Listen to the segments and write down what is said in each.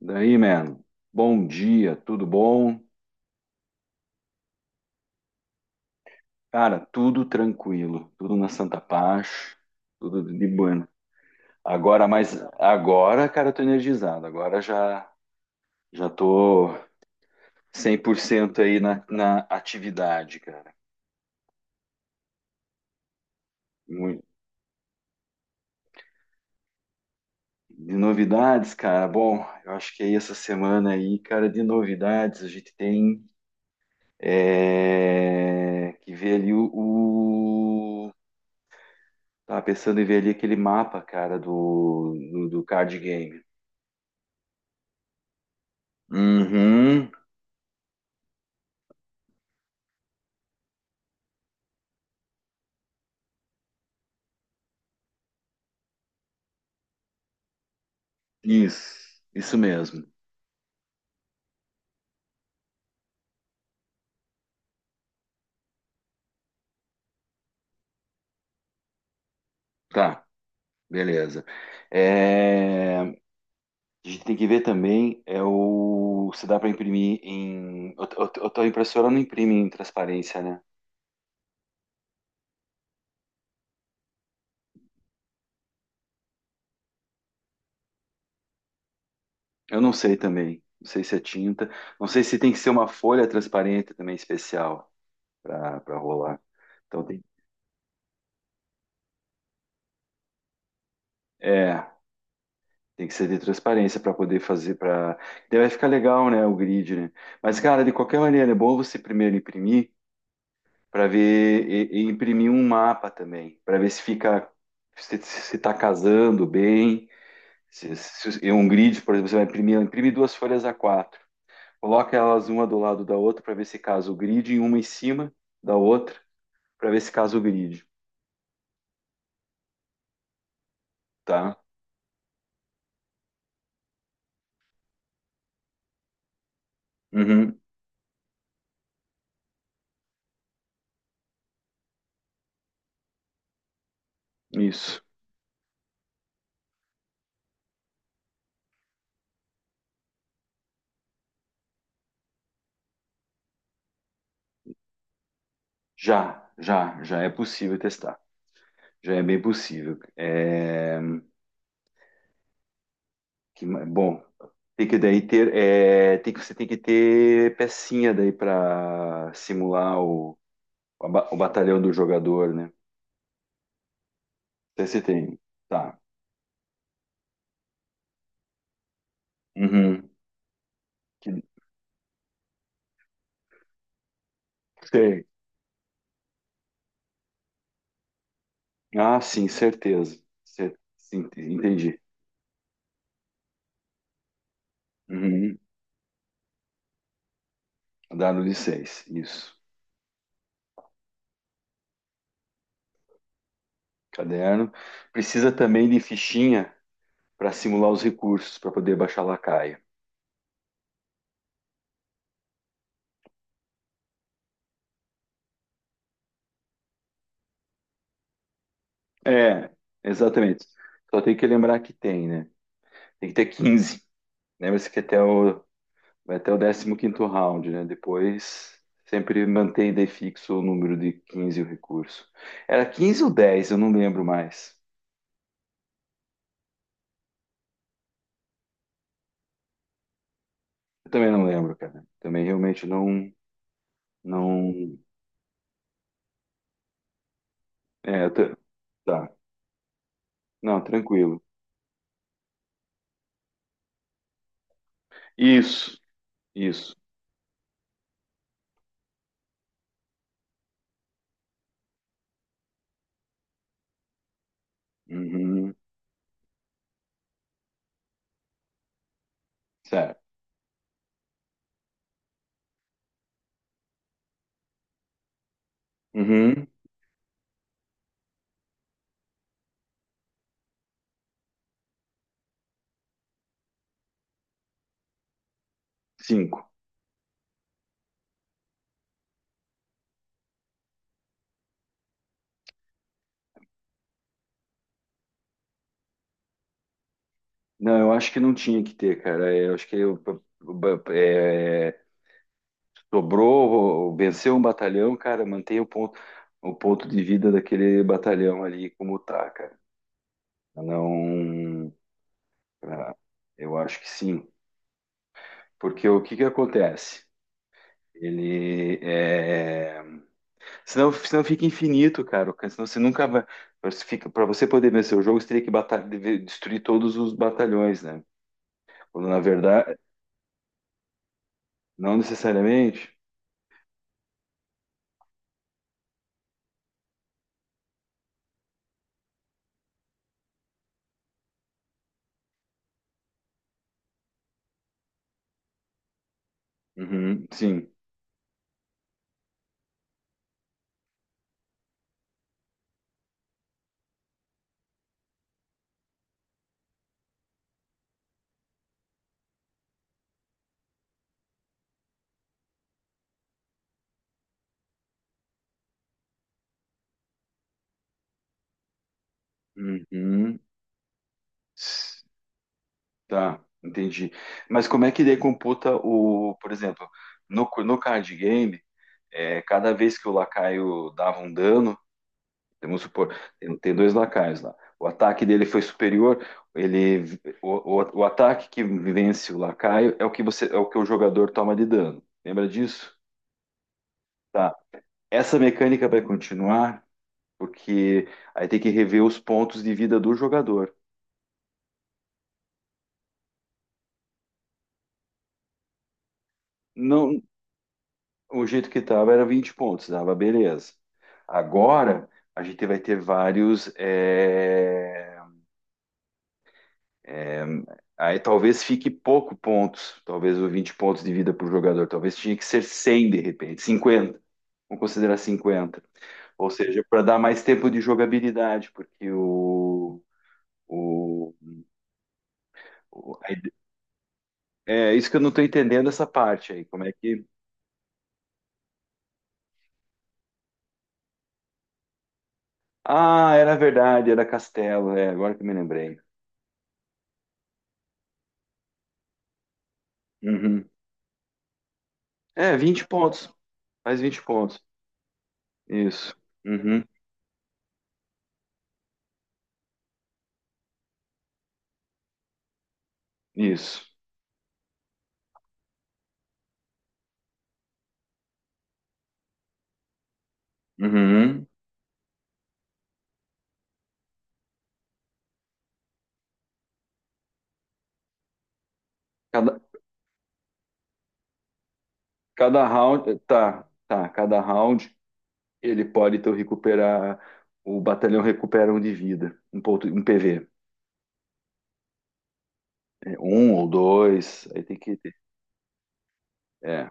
Daí, mano. Bom dia, tudo bom? Cara, tudo tranquilo, tudo na Santa Paz, tudo de bueno. Mas agora, cara, eu tô energizado. Agora já tô 100% aí na atividade, cara. Mui- De novidades, cara, bom, eu acho que aí essa semana aí, cara, de novidades, a gente tem que ver ali o, tava pensando em ver ali aquele mapa, cara, do card game. Uhum. Isso mesmo. Tá, beleza. É, a gente tem que ver também é o se dá para imprimir em. Tua impressora não imprime em transparência, né? Eu não sei também. Não sei se é tinta. Não sei se tem que ser uma folha transparente também especial para rolar. Então tem. É. Tem que ser de transparência para poder fazer para. Daí vai ficar legal, né? O grid, né? Mas, cara, de qualquer maneira, é bom você primeiro imprimir para ver e imprimir um mapa também, para ver se fica se está casando bem. Se, em um grid, por exemplo, você vai imprimir, imprime duas folhas A4, coloca elas uma do lado da outra para ver se casa o grid e uma em cima da outra para ver se casa o grid, tá? Uhum, isso. Já, já, já é possível testar. Já é bem possível. É... Bom, tem que daí ter, tem que, você tem que ter pecinha daí para simular o, o batalhão do jogador, né? Não sei se tem. Tá. Uhum. Que- Sei. Ah, sim, certeza. Sim, entendi. Uhum. Dado de seis, isso. Caderno. Precisa também de fichinha para simular os recursos para poder baixar lacaia. É, exatamente. Só tem que lembrar que tem, né? Tem que ter quinze. Lembra-se que até o... Vai até o décimo quinto round, né? Depois sempre mantém daí fixo o número de 15 o recurso. Era 15 ou 10? Eu não lembro mais. Eu também não lembro, cara. Também realmente não é, tá. Não, tranquilo. Isso, isso. Uhum, certo. Uhum, cinco. Não, eu acho que não tinha que ter, cara. É, eu acho que eu... Sobrou, venceu um batalhão, cara, mantém o ponto de vida daquele batalhão ali como tá, cara. Pra Não, pra- eu acho que sim. Porque o que que acontece? Ele é... Senão, senão fica infinito, cara. Senão você nunca vai... Pra você poder vencer o jogo, você teria que destruir todos os batalhões, né? Quando na verdade, não necessariamente. Uhum, sim. Uhum. Tá, entendi. Mas como é que daí computa o, por exemplo, no card game, cada vez que o lacaio dava um dano, vamos supor, tem dois lacaios lá. O ataque dele foi superior, ele, o ataque que vence o lacaio é o que você, é o que o jogador toma de dano. Lembra disso? Tá. Essa mecânica vai continuar, porque aí tem que rever os pontos de vida do jogador. Não, o jeito que estava era 20 pontos, dava beleza. Agora a gente vai ter vários. Aí talvez fique pouco pontos, talvez o 20 pontos de vida por jogador, talvez tinha que ser 100 de repente, cinquenta. Vamos considerar cinquenta. Ou seja, para dar mais tempo de jogabilidade. Porque o, o- a ide- É isso que eu não estou entendendo essa parte aí, como é que... Ah, era verdade, era Castelo, agora que eu me lembrei. Uhum. É, 20 pontos. Mais 20 pontos. Isso. Uhum. Isso. Uhum. Cada, cada round. Tá, tá. Cada round ele pode então recuperar. O batalhão recupera um de vida. Um ponto, um PV. É, um ou dois. Aí tem que ter. É.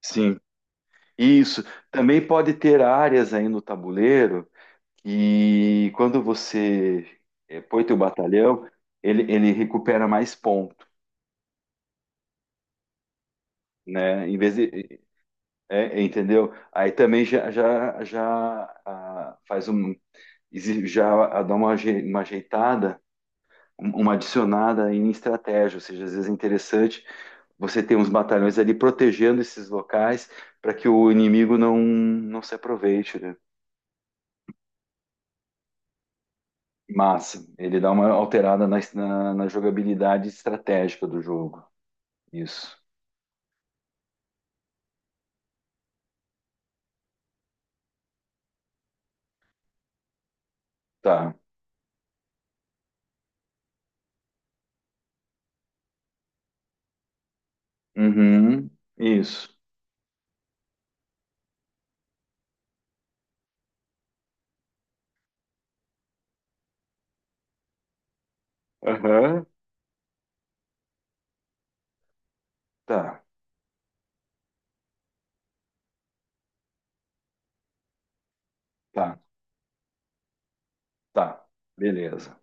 Sim. Isso. Também pode ter áreas aí no tabuleiro que quando você põe teu batalhão, ele recupera mais ponto, né? Em vez de... É, entendeu? Aí também já, já, já faz um, já dá uma, uma ajeitada, uma adicionada em estratégia, ou seja, às vezes é interessante você ter uns batalhões ali protegendo esses locais para que o inimigo não se aproveite, né? Massa, ele dá uma alterada na jogabilidade estratégica do jogo. Isso, tá. Uhum. Isso. Aham. Tá, tá, tá. Beleza.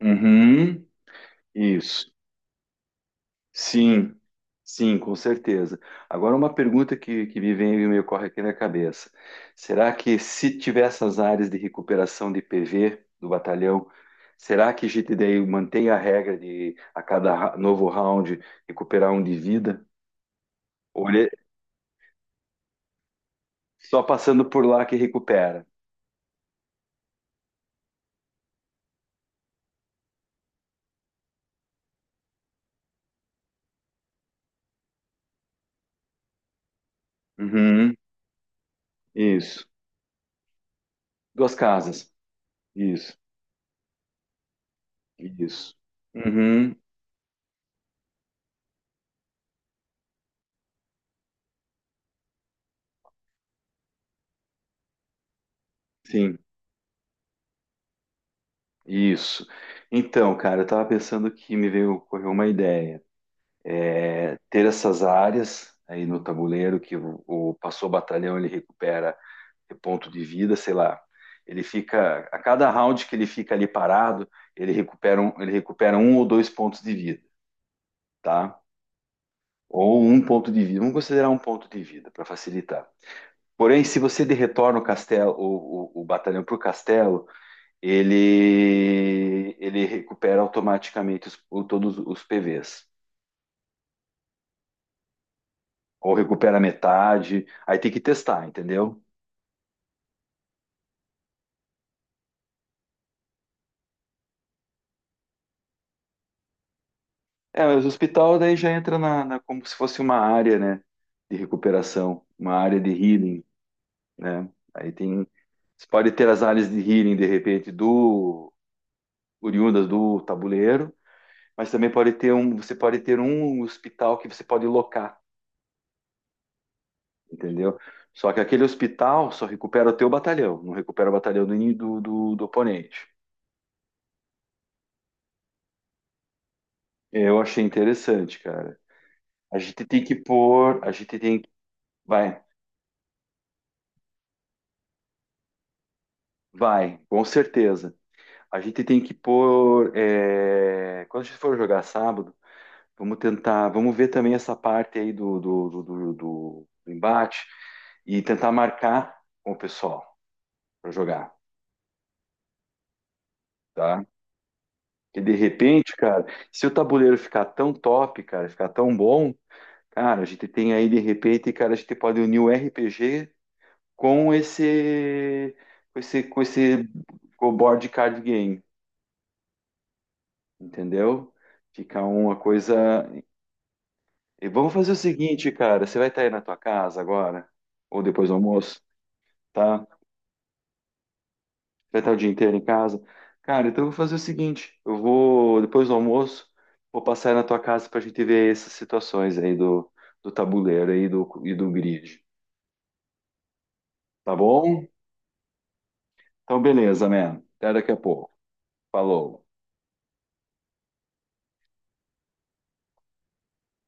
Uhum. Isso. Sim, sim, com certeza. Agora, uma pergunta que me vem e me ocorre aqui na cabeça. Será que se tiver essas áreas de recuperação de PV do batalhão, será que a gente daí mantém a regra de a cada novo round recuperar um de vida? Ou ele é só passando por lá que recupera? Uhum, isso. Duas casas. Isso, isso. Uhum, sim, isso. Então, cara, eu tava pensando que me veio, ocorreu uma ideia. Ter essas áreas aí no tabuleiro que o passou o batalhão ele recupera é ponto de vida, sei lá. Ele fica a cada round que ele fica ali parado, ele recupera um ou dois pontos de vida, tá? Ou um ponto de vida. Vamos considerar um ponto de vida para facilitar. Porém, se você de retorna o castelo, o batalhão para o castelo, ele recupera automaticamente todos os PVs. Ou recupera metade. Aí tem que testar, entendeu? É, mas o hospital daí já entra na, como se fosse uma área, né, de recuperação, uma área de healing, né? Aí tem, você pode ter as áreas de healing de repente do oriundas do tabuleiro, mas também pode ter um, você pode ter um hospital que você pode locar, entendeu? Só que aquele hospital só recupera o teu batalhão, não recupera o batalhão do, ini- do, do, do oponente. Eu achei interessante, cara. A gente tem que pôr, a gente tem que... Vai, vai, com certeza. A gente tem que pôr. Quando a gente for jogar sábado, vamos tentar. Vamos ver também essa parte aí do embate e tentar marcar com o pessoal para jogar, tá? E de repente, cara, se o tabuleiro ficar tão top, cara, ficar tão bom, cara, a gente tem aí de repente, cara, a gente pode unir o RPG com esse, com esse, com esse com o board card game, entendeu? Fica uma coisa... E vamos fazer o seguinte, cara. Você vai estar aí na tua casa agora? Ou depois do almoço, tá? Você vai estar o dia inteiro em casa? Cara, então eu vou fazer o seguinte. Eu vou, depois do almoço, vou passar aí na tua casa pra gente ver essas situações aí do tabuleiro aí do, e do grid. Tá bom? Então, beleza, man. Até daqui a pouco. Falou.